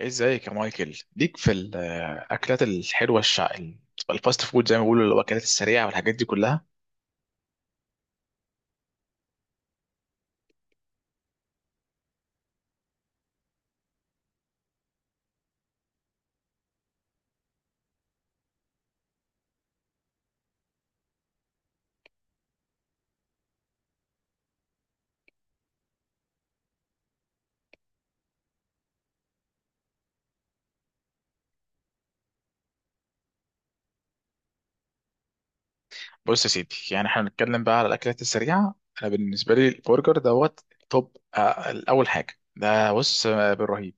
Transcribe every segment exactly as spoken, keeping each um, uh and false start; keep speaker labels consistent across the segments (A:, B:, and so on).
A: ازيك يا مايكل ليك في الاكلات الحلوه الشع ال- الفاست فود زي ما بيقولوا الاكلات السريعه والحاجات دي كلها. بص يا سيدي، يعني احنا بنتكلم بقى على الاكلات السريعه. انا بالنسبه لي البرجر دوت توب. آه، اول حاجه ده بص، آه، بالرهيب.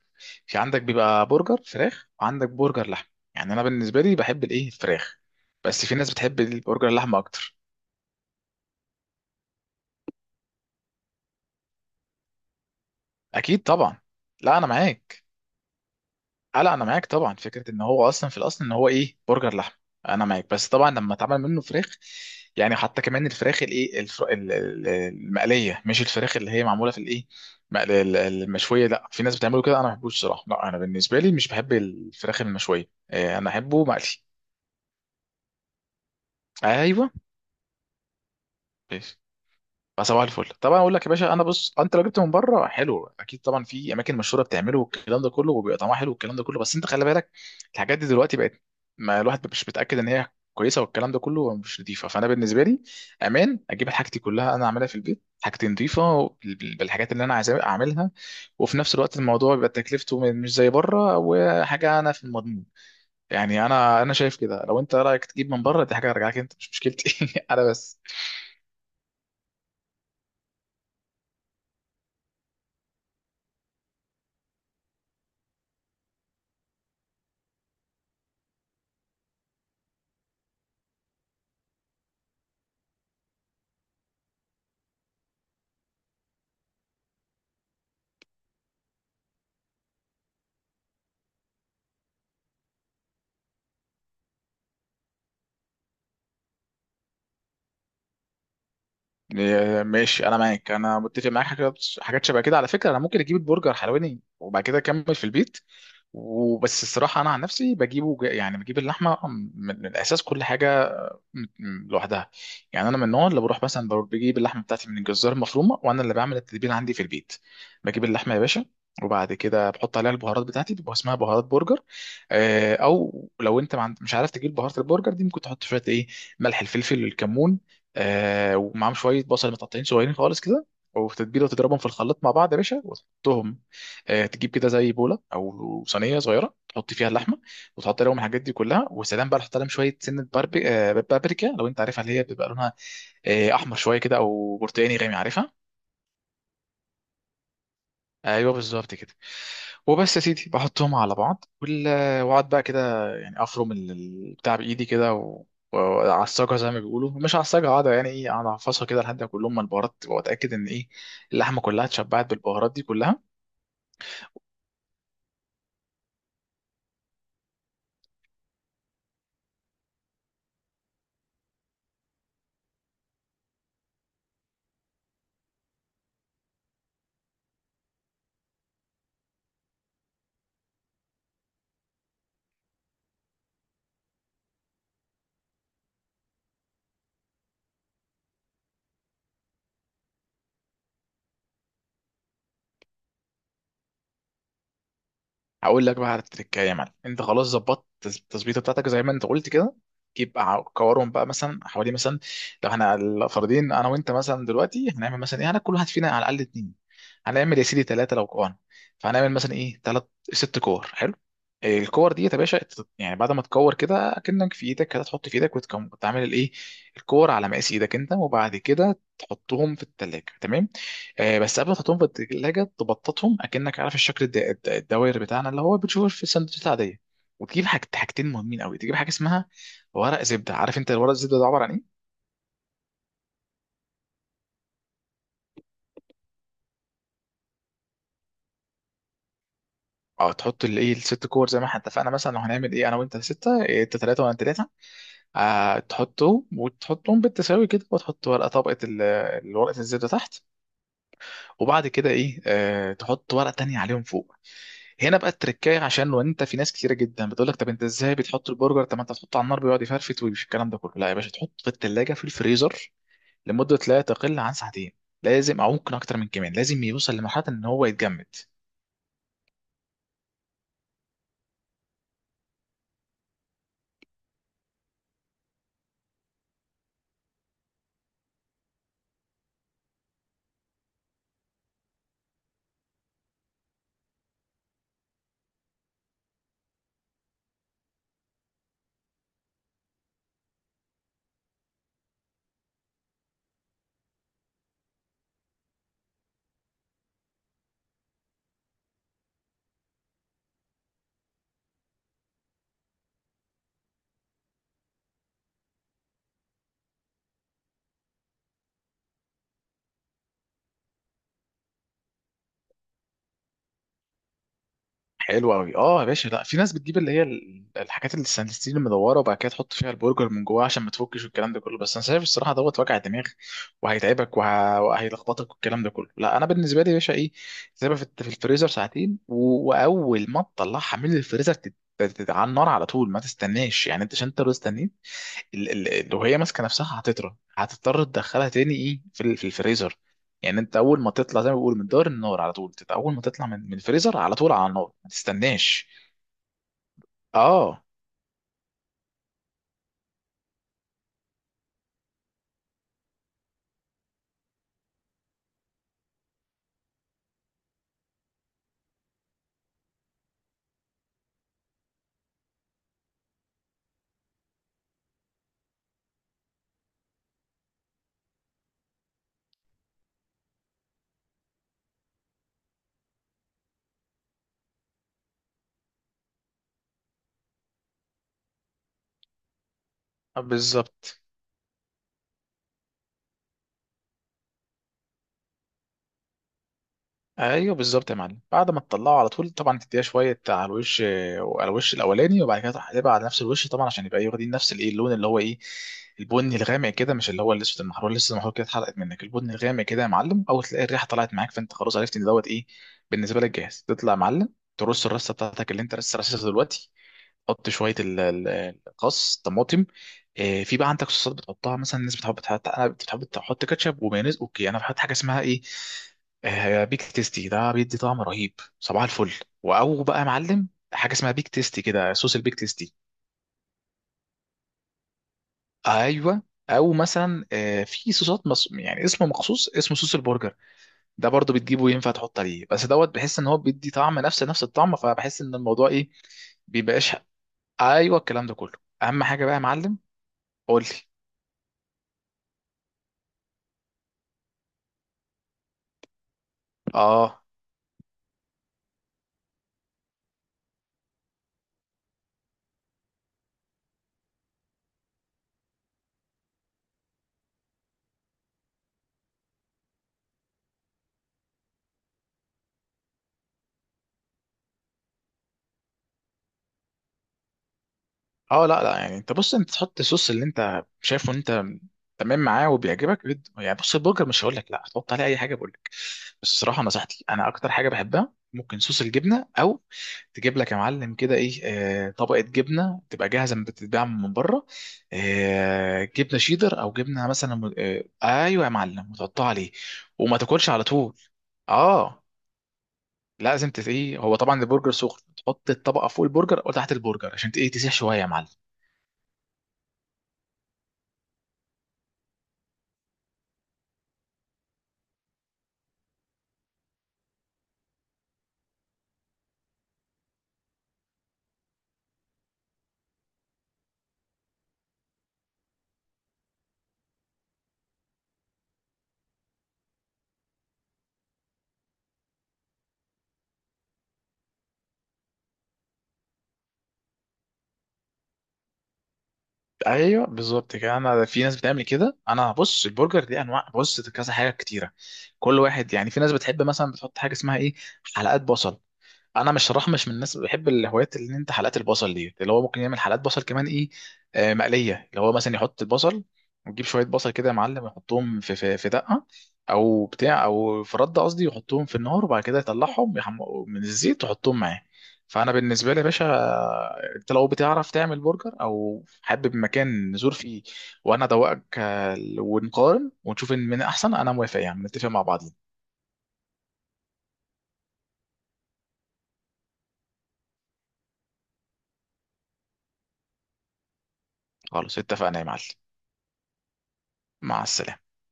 A: في عندك بيبقى برجر فراخ وعندك برجر لحم. يعني انا بالنسبه لي بحب الايه الفراخ، بس في ناس بتحب البرجر اللحمه اكتر. اكيد طبعا. لا انا معاك. اه، لا انا معاك طبعا، فكره ان هو اصلا في الاصل ان هو ايه برجر لحم. انا معاك، بس طبعا لما اتعمل منه فراخ. يعني حتى كمان الفراخ الايه الفر... ال- ال- المقليه، مش الفراخ اللي هي معموله في الايه مقل- ال- المشويه. لا في ناس بتعمله كده، انا ما بحبوش صراحه. لا انا بالنسبه لي مش بحب الفراخ المشويه، آه، انا احبه مقلي. ايوه. فصباح الفل طبعا. اقول لك يا باشا، انا بص، انت لو جبت من بره حلو اكيد طبعا في اماكن مشهوره بتعمله والكلام ده كله، وبيبقى طعمها حلو والكلام ده كله، بس انت خلي بالك. الحاجات دي دلوقتي بقت، ما الواحد مش متاكد ان هي كويسه والكلام ده كله، مش نظيفه. فانا بالنسبه لي امان اجيب حاجتي كلها انا اعملها في البيت، حاجتي نظيفه بال- بالحاجات اللي انا عايز اعملها. وفي نفس الوقت الموضوع بيبقى تكلفته م- مش زي بره وحاجه، انا في المضمون. يعني انا انا شايف كده، لو انت رايك تجيب من بره دي حاجه ارجع لك، انت مش مشكلتي انا بس. إيه، ماشي. انا معاك، انا متفق معاك. حاجات حاجات شبه كده. على فكره انا ممكن اجيب البرجر حلواني وبعد كده اكمل في البيت. وبس الصراحه انا عن نفسي بجيبه ج- يعني بجيب اللحمه من من الاساس كل حاجه م- م- لوحدها. يعني انا من النوع اللي بروح مثلا، بروح بجيب اللحمه بتاعتي من الجزار المفرومه، وانا اللي بعمل التتبيله عندي في البيت. بجيب اللحمه يا باشا، وبعد كده بحط عليها البهارات بتاعتي، بيبقى اسمها بهارات برجر. آه، او لو انت ما عند- مش عارف تجيب بهارات البرجر دي، ممكن تحط شويه ايه: ملح، الفلفل، الكمون. آه، ومعاهم شويه بصل متقطعين صغيرين خالص كده، وتتبيله، وتضربهم في الخلاط مع بعض يا باشا، وتحطهم. آه، تجيب كده زي بوله او صينيه صغيره، تحط فيها اللحمه وتحط لهم الحاجات دي كلها وسلام بقى. تحط لهم شويه سنه باربي... آه، بابريكا لو انت عارفها، اللي هي بيبقى لونها آه، احمر شويه كده او برتقاني غامق، عارفها. ايوه بالظبط كده. وبس يا سيدي بحطهم على بعض وال- واقعد بقى كده، يعني افرم ال- ال- بتاع بايدي كده و... وعصجها زي ما بيقولوا، مش عصجها قاعده، يعني ايه اقعد اعفصها كده لحد ما كلهم من البهارات، واتاكد ان ايه اللحمه كلها اتشبعت بالبهارات دي كلها. هقول لك بقى على التركايه يا معلم. انت خلاص ظبطت التظبيطه بتاعتك زي ما انت قلت كده، جيب بقى كورهم بقى مثلا حوالي مثلا، لو احنا الفردين انا وانت مثلا دلوقتي هنعمل مثلا ايه، هناكل كل واحد فينا على الاقل اتنين. هنعمل يا سيدي ثلاثه لو كوان. فهنعمل مثلا ايه ثلاث، ست كور. حلو. إيه الكور دي يا باشا ات- يعني بعد ما تكور كده كأنك في ايدك كده، تحط في ايدك وتكم- وتعمل الايه الكور على مقاس ايدك انت، وبعد كده تحطهم في التلاجة. تمام. آه، بس قبل ما تحطهم في التلاجة تبططهم، اكنك عارف الشكل الد- الد- الدوائر بتاعنا اللي هو بتشوفه في السندوتشات العادية. وتجيب حاجة حاجتين مهمين قوي، تجيب حاجة اسمها ورق زبدة. عارف انت الورق الزبدة ده عبارة عن ايه؟ اه، تحط الايه الست كور زي ما احنا اتفقنا، مثلا لو هنعمل ايه انا وانت ستة، إيه، انت ثلاثة وانا ثلاثة. آه تحطهم وتحطهم بالتساوي كده، وتحط ورقة طبقة ال- الورقة الزبدة تحت، وبعد كده ايه آه تحط ورقة تانية عليهم فوق. هنا بقى التركايه عشان لو انت، في ناس كتيره جدا بتقول لك طب انت ازاي بتحط البرجر، طب ما انت تحطه على النار بيقعد يفرفت ومش الكلام ده كله، لا يا باشا تحطه في الثلاجه في الفريزر لمده لا تقل عن ساعتين، لازم، او ممكن اكتر من كمان لازم يوصل لمرحله ان هو يتجمد. حلو قوي. اه يا باشا، لا، في ناس بتجيب اللي هي ال- الحاجات اللي الستيل المدوره وبعد كده تحط فيها البرجر من جواه عشان ما تفكش والكلام ده كله، بس انا شايف الصراحه دوت وجع دماغ، وهيتعبك وه... وهيلخبطك والكلام ده كله. لا انا بالنسبه لي يا باشا ايه، تسيبها في الت- في الفريزر ساعتين و... واول ما تطلعها من الفريزر تت... تت... على النار على طول، ما تستناش. يعني انت، عشان انت لو استنيت ال- ال- لو هي ماسكه نفسها هتطرى، هتضطر تدخلها تاني ايه في ال- في الفريزر. يعني انت اول ما تطلع زي ما بيقول من دار النار على طول تت- اول ما تطلع من من الفريزر على طول على النار، ما تستناش. اه بالظبط. ايوه بالظبط يا معلم، بعد ما تطلعه على طول طبعا، تديها شويه على الوش، آه، على الوش الاولاني، وبعد كده تقلبها على نفس الوش طبعا عشان يبقى واخدين نفس الايه اللون اللي هو ايه البني الغامق كده، مش اللي هو الاسود المحروق، لسه المحروق كده اتحرقت منك، البني الغامق كده يا معلم. اول تلاقي الريحه طلعت معاك، فانت خلاص عرفت ان دوت ايه، بالنسبه لك جاهز تطلع يا معلم. ترص الرصه بتاعتك اللي انت لسه رصصها دلوقتي، حط شويه ال- ال- الخس، طماطم، آه، في بقى عندك صوصات بتحطها مثلا، الناس بتحب تحط، انا بتحب تحط كاتشب ومايونيز. اوكي انا بحط حاجه اسمها ايه آه، بيك تيستي، ده بيدي طعم رهيب. صباح الفل. او بقى يا معلم حاجه اسمها بيك تيستي كده، صوص البيك تيستي. ايوه. او مثلا آه، في صوصات مص... يعني اسمه مخصوص، اسمه صوص البرجر، ده برضو بتجيبه ينفع تحط عليه، بس دوت بحس ان هو بيدي طعم نفس نفس الطعم، فبحس ان الموضوع ايه، بيبقاش. ايوه الكلام ده كله. اهم حاجه بقى يا معلم. قول لي. اه اه، لا لا، يعني انت بص، انت تحط الصوص اللي انت شايفه ان انت تمام معاه وبيعجبك جد، يعني بص البرجر مش هقول لك لا هتحط عليه اي حاجه، بقول لك بس الصراحه نصيحتي، انا اكتر حاجه بحبها ممكن صوص الجبنه، او تجيب لك يا معلم كده ايه آه طبقه جبنه تبقى جاهزه من بتتباع من بره، آه جبنه شيدر، او جبنه مثلا م- آه ايوه يا معلم، وتحطها عليه. وما تاكلش على طول. اه، لازم تت- ايه هو طبعا البرجر سخن، تحط الطبقه فوق البرجر او تحت البرجر عشان ت- ايه تسيح شويه يا معلم. ايوه بالظبط كده. انا في ناس بتعمل كده. انا بص البرجر دي انواع، بص كذا حاجه كتيره، كل واحد يعني، في ناس بتحب مثلا بتحط حاجه اسمها ايه حلقات بصل. انا مش، صراحه مش من الناس اللي بحب الهوايات اللي انت حلقات البصل دي، اللي هو ممكن يعمل حلقات بصل كمان ايه آه مقليه، اللي هو مثلا يحط البصل، ويجيب شويه بصل كده يا معلم، يحطهم في في, في دقه او بتاع، او في رده قصدي، يحطهم في النار وبعد كده يطلعهم يحمقوا من الزيت ويحطهم معاه. فانا بالنسبه لي يا باشا، آه، انت لو بتعرف تعمل برجر او حابب مكان نزور فيه وانا ادوقك، آه، ونقارن ونشوف ان من احسن، انا موافق يعني نتفق مع بعضين. خلاص اتفقنا يا معلم. مع السلامه.